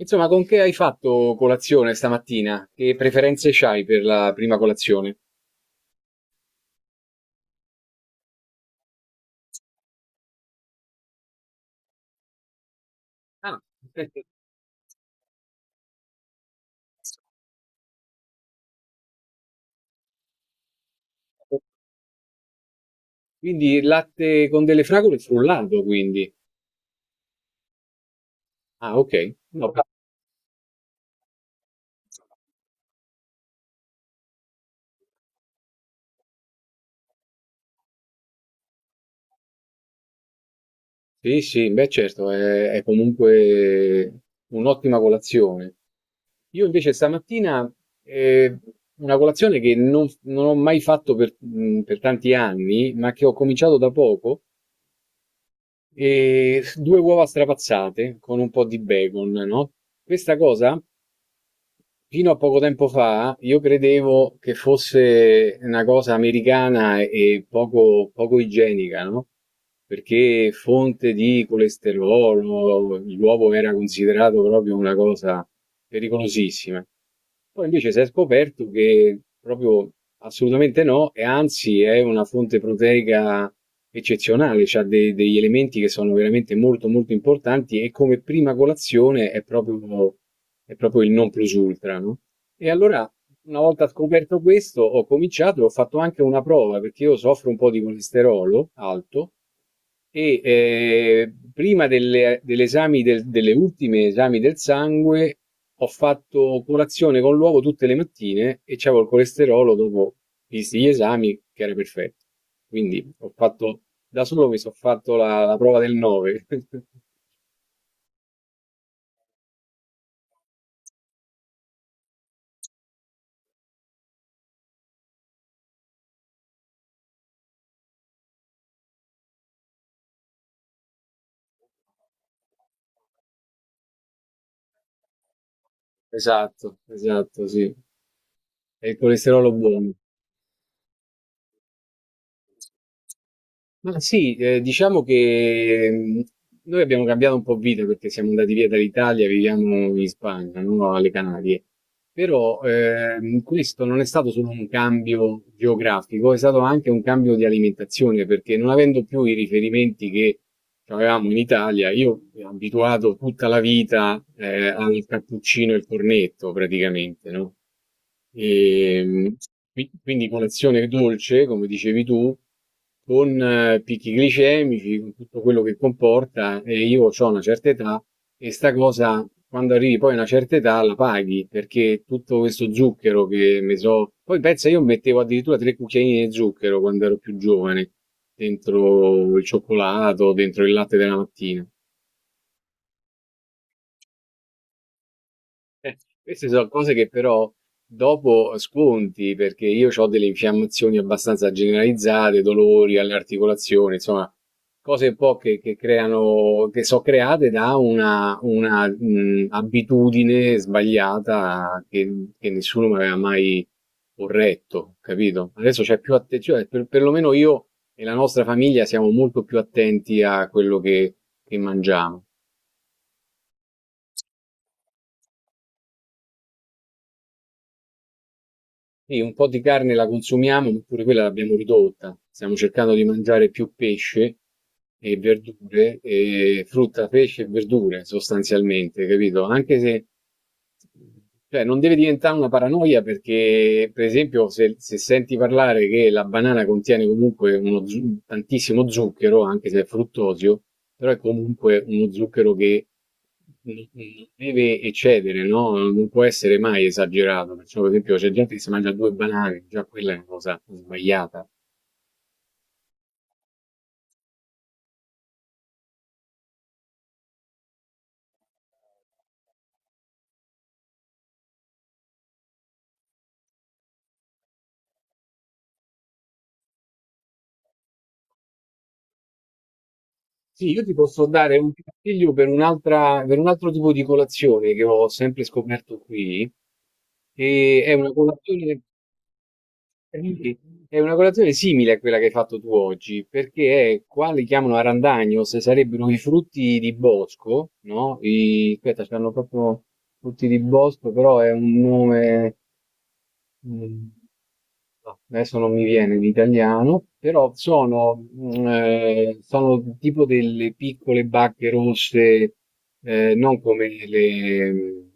Insomma, con che hai fatto colazione stamattina? Che preferenze c'hai per la prima colazione? Ah, perfetto. Quindi latte con delle fragole frullato, quindi. Ah, ok. No, sì, sì, beh, certo, è comunque un'ottima colazione. Io invece stamattina eh, una colazione che non ho mai fatto per tanti anni, ma che ho cominciato da poco, e due uova strapazzate con un po' di bacon, no? Questa cosa. Fino a poco tempo fa io credevo che fosse una cosa americana e poco igienica, no? Perché fonte di colesterolo, l'uovo era considerato proprio una cosa pericolosissima. Poi invece si è scoperto che proprio assolutamente no, e anzi è una fonte proteica eccezionale, ha degli elementi che sono veramente molto molto importanti e come prima colazione è proprio il non plus ultra, no? E allora una volta scoperto questo, ho cominciato e ho fatto anche una prova, perché io soffro un po' di colesterolo alto e prima delle ultime esami del sangue ho fatto colazione con l'uovo tutte le mattine e c'avevo il colesterolo dopo, visti gli esami, che era perfetto. Quindi ho fatto, da solo mi sono fatto la prova del 9. Esatto, esatto, sì. È il colesterolo buono. Ma sì, diciamo che noi abbiamo cambiato un po' vita perché siamo andati via dall'Italia, viviamo in Spagna, no? Alle Canarie. Però, questo non è stato solo un cambio geografico, è stato anche un cambio di alimentazione, perché non avendo più i riferimenti che avevamo in Italia, io mi ero abituato tutta la vita, al cappuccino e al cornetto praticamente, no? E, quindi colazione dolce, come dicevi tu, con picchi glicemici, con tutto quello che comporta, e io ho una certa età, e sta cosa, quando arrivi poi a una certa età, la paghi, perché tutto questo zucchero che mi so... Poi pensa, io mettevo addirittura tre cucchiaini di zucchero quando ero più giovane, dentro il cioccolato, dentro il latte della mattina. Eh, queste sono cose che però dopo sconti, perché io ho delle infiammazioni abbastanza generalizzate, dolori alle articolazioni, insomma, cose un po' che creano, che sono create da una abitudine sbagliata che nessuno mi aveva mai corretto, capito? Adesso c'è più attenzione, perlomeno io e la nostra famiglia siamo molto più attenti a quello che mangiamo. Sì, un po' di carne la consumiamo, ma pure quella l'abbiamo ridotta. Stiamo cercando di mangiare più pesce e verdure, e frutta, pesce e verdure sostanzialmente, capito? Anche se, cioè, non deve diventare una paranoia perché, per esempio, se senti parlare che la banana contiene comunque tantissimo zucchero, anche se è fruttosio, però è comunque uno zucchero che non non deve eccedere, no? Non può essere mai esagerato. Perciò, per esempio, c'è gente che si mangia due banane, già quella è una cosa sbagliata. Sì, io ti posso dare un consiglio per un altro tipo di colazione che ho sempre scoperto qui, e è una colazione simile a quella che hai fatto tu oggi, perché è qua li chiamano arandagno, se sarebbero i frutti di bosco, no? I, aspetta, c'hanno proprio frutti di bosco, però è un nome. Mhmm, no, adesso non mi viene l'italiano, però sono tipo delle piccole bacche rosse, non come le mhmm,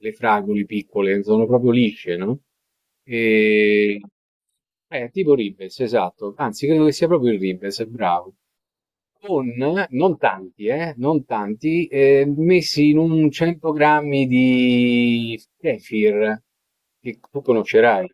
le fragole piccole, sono proprio lisce, no, ehm tipo ribes, esatto, anzi credo che sia proprio il ribes, bravo. Con non tanti, messi in un 100 grammi di kefir, che tu conoscerai.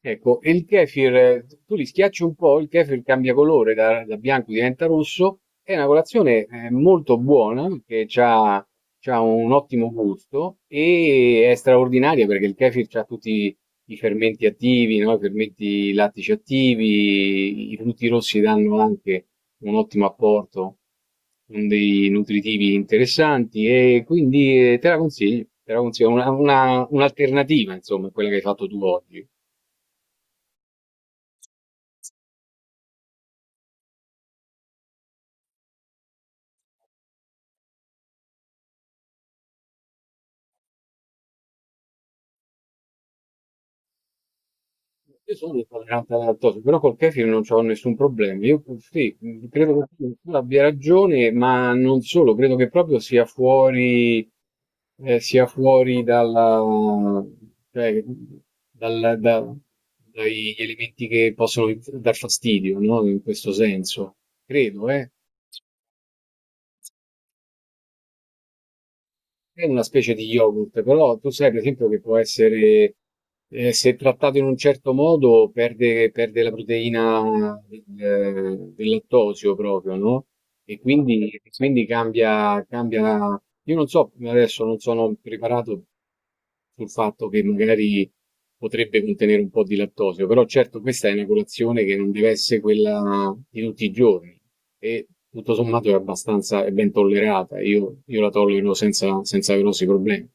Ecco, e il kefir, tu li schiacci un po', il kefir cambia colore, da bianco diventa rosso. È una colazione molto buona, che ha un ottimo gusto e è straordinaria perché il kefir ha tutti i fermenti attivi, no? I fermenti lattici attivi, i frutti rossi danno anche un ottimo apporto, con dei nutritivi interessanti e quindi te la consiglio, un'alternativa, insomma, a quella che hai fatto tu oggi. Io sono intollerante alla lattosio, però col kefir non ho nessun problema. Io sì, credo che tu abbia ragione, ma non solo, credo che proprio sia fuori, eh, sia fuori dalla, cioè, dal- da- dagli elementi che possono dar fastidio, no? In questo senso, credo, eh. È una specie di yogurt, però tu sai per esempio che può essere, se trattato in un certo modo, perde la proteina del lattosio proprio, no? E quindi cambia. Io non so, adesso non sono preparato sul fatto che magari potrebbe contenere un po' di lattosio, però certo questa è una colazione che non deve essere quella di tutti i giorni e tutto sommato è ben tollerata, io la tollero senza grossi problemi.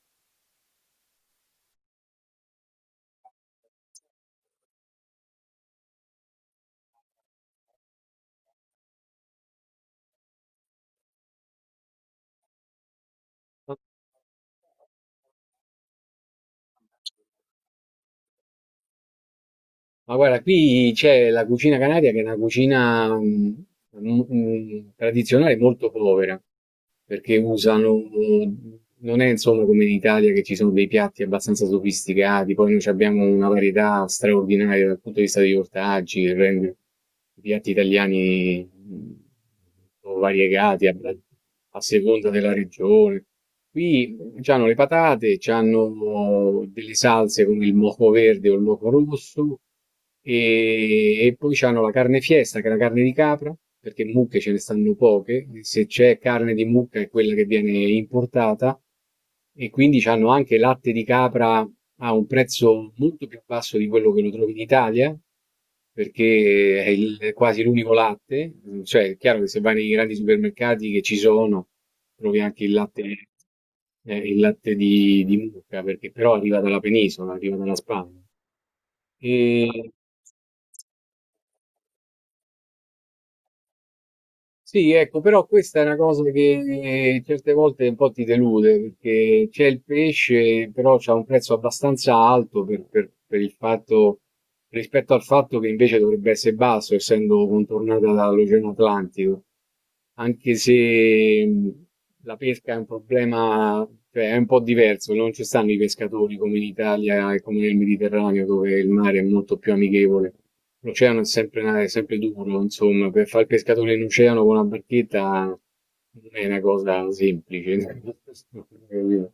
Ma guarda, qui c'è la cucina canaria che è una cucina tradizionale molto povera, perché usano, non è insomma come in Italia che ci sono dei piatti abbastanza sofisticati, poi noi ci abbiamo una varietà straordinaria dal punto di vista degli ortaggi, che rende i piatti italiani sono variegati a seconda della regione. Qui hanno le patate, hanno delle salse come il moco verde o il moco rosso, e poi c'hanno la carne fiesta, che è la carne di capra, perché mucche ce ne stanno poche, se c'è carne di mucca è quella che viene importata, e quindi c'hanno anche latte di capra a un prezzo molto più basso di quello che lo trovi in Italia, perché è quasi l'unico latte, cioè è chiaro che se vai nei grandi supermercati che ci sono, trovi anche il latte di mucca, perché però arriva dalla penisola, arriva dalla Spagna. E, Sì, ecco, però questa è una cosa che certe volte un po' ti delude, perché c'è il pesce, però c'ha un prezzo abbastanza alto per il fatto, rispetto al fatto che invece dovrebbe essere basso, essendo contornata dall'Oceano Atlantico anche se la pesca è un problema, cioè è un po' diverso, non ci stanno i pescatori come in Italia e come nel Mediterraneo, dove il mare è molto più amichevole. L'oceano è sempre duro, insomma, per fare il pescatore in oceano con una barchetta non è una cosa semplice. Capito?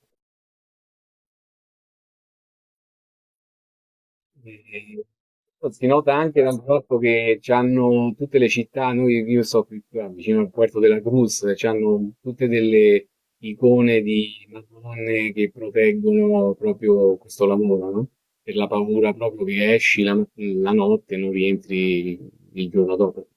Si nota anche dal fatto che c'hanno tutte le città, noi io sto qui qua vicino al Puerto de la Cruz, c'hanno tutte delle icone di Madonne che proteggono proprio questo lavoro, no? Per la paura proprio che esci la notte e non rientri il giorno dopo.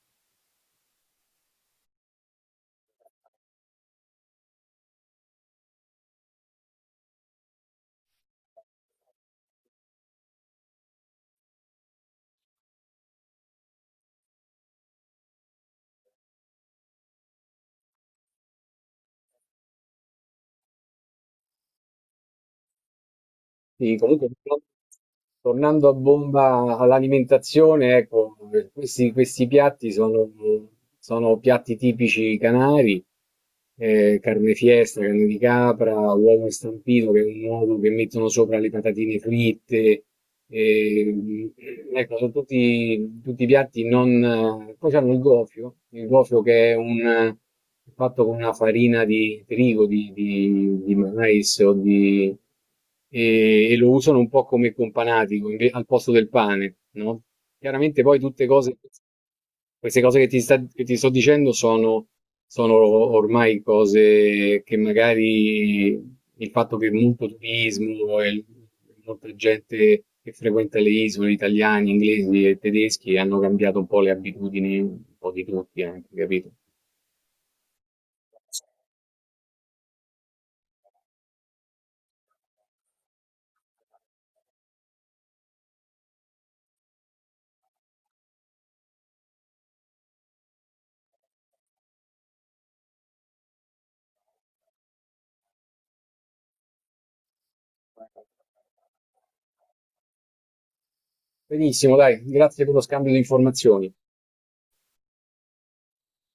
Sì, comunque tornando a bomba all'alimentazione, ecco, questi piatti sono piatti tipici canari, carne fiesta, carne di capra, uovo stampito, che è un uovo che mettono sopra le patatine fritte, eh, ecco, sono tutti piatti non... Poi hanno il gofio che è un fatto con una farina di trigo, di mais o di, e lo usano un po' come companatico al posto del pane, no? Chiaramente poi tutte cose, queste cose che ti sto dicendo sono ormai cose che magari il fatto che molto turismo molta gente che frequenta le isole, italiani, inglesi e tedeschi, hanno cambiato un po' le abitudini, un po' di tutti anche, capito? Benissimo, dai, grazie per lo scambio di informazioni.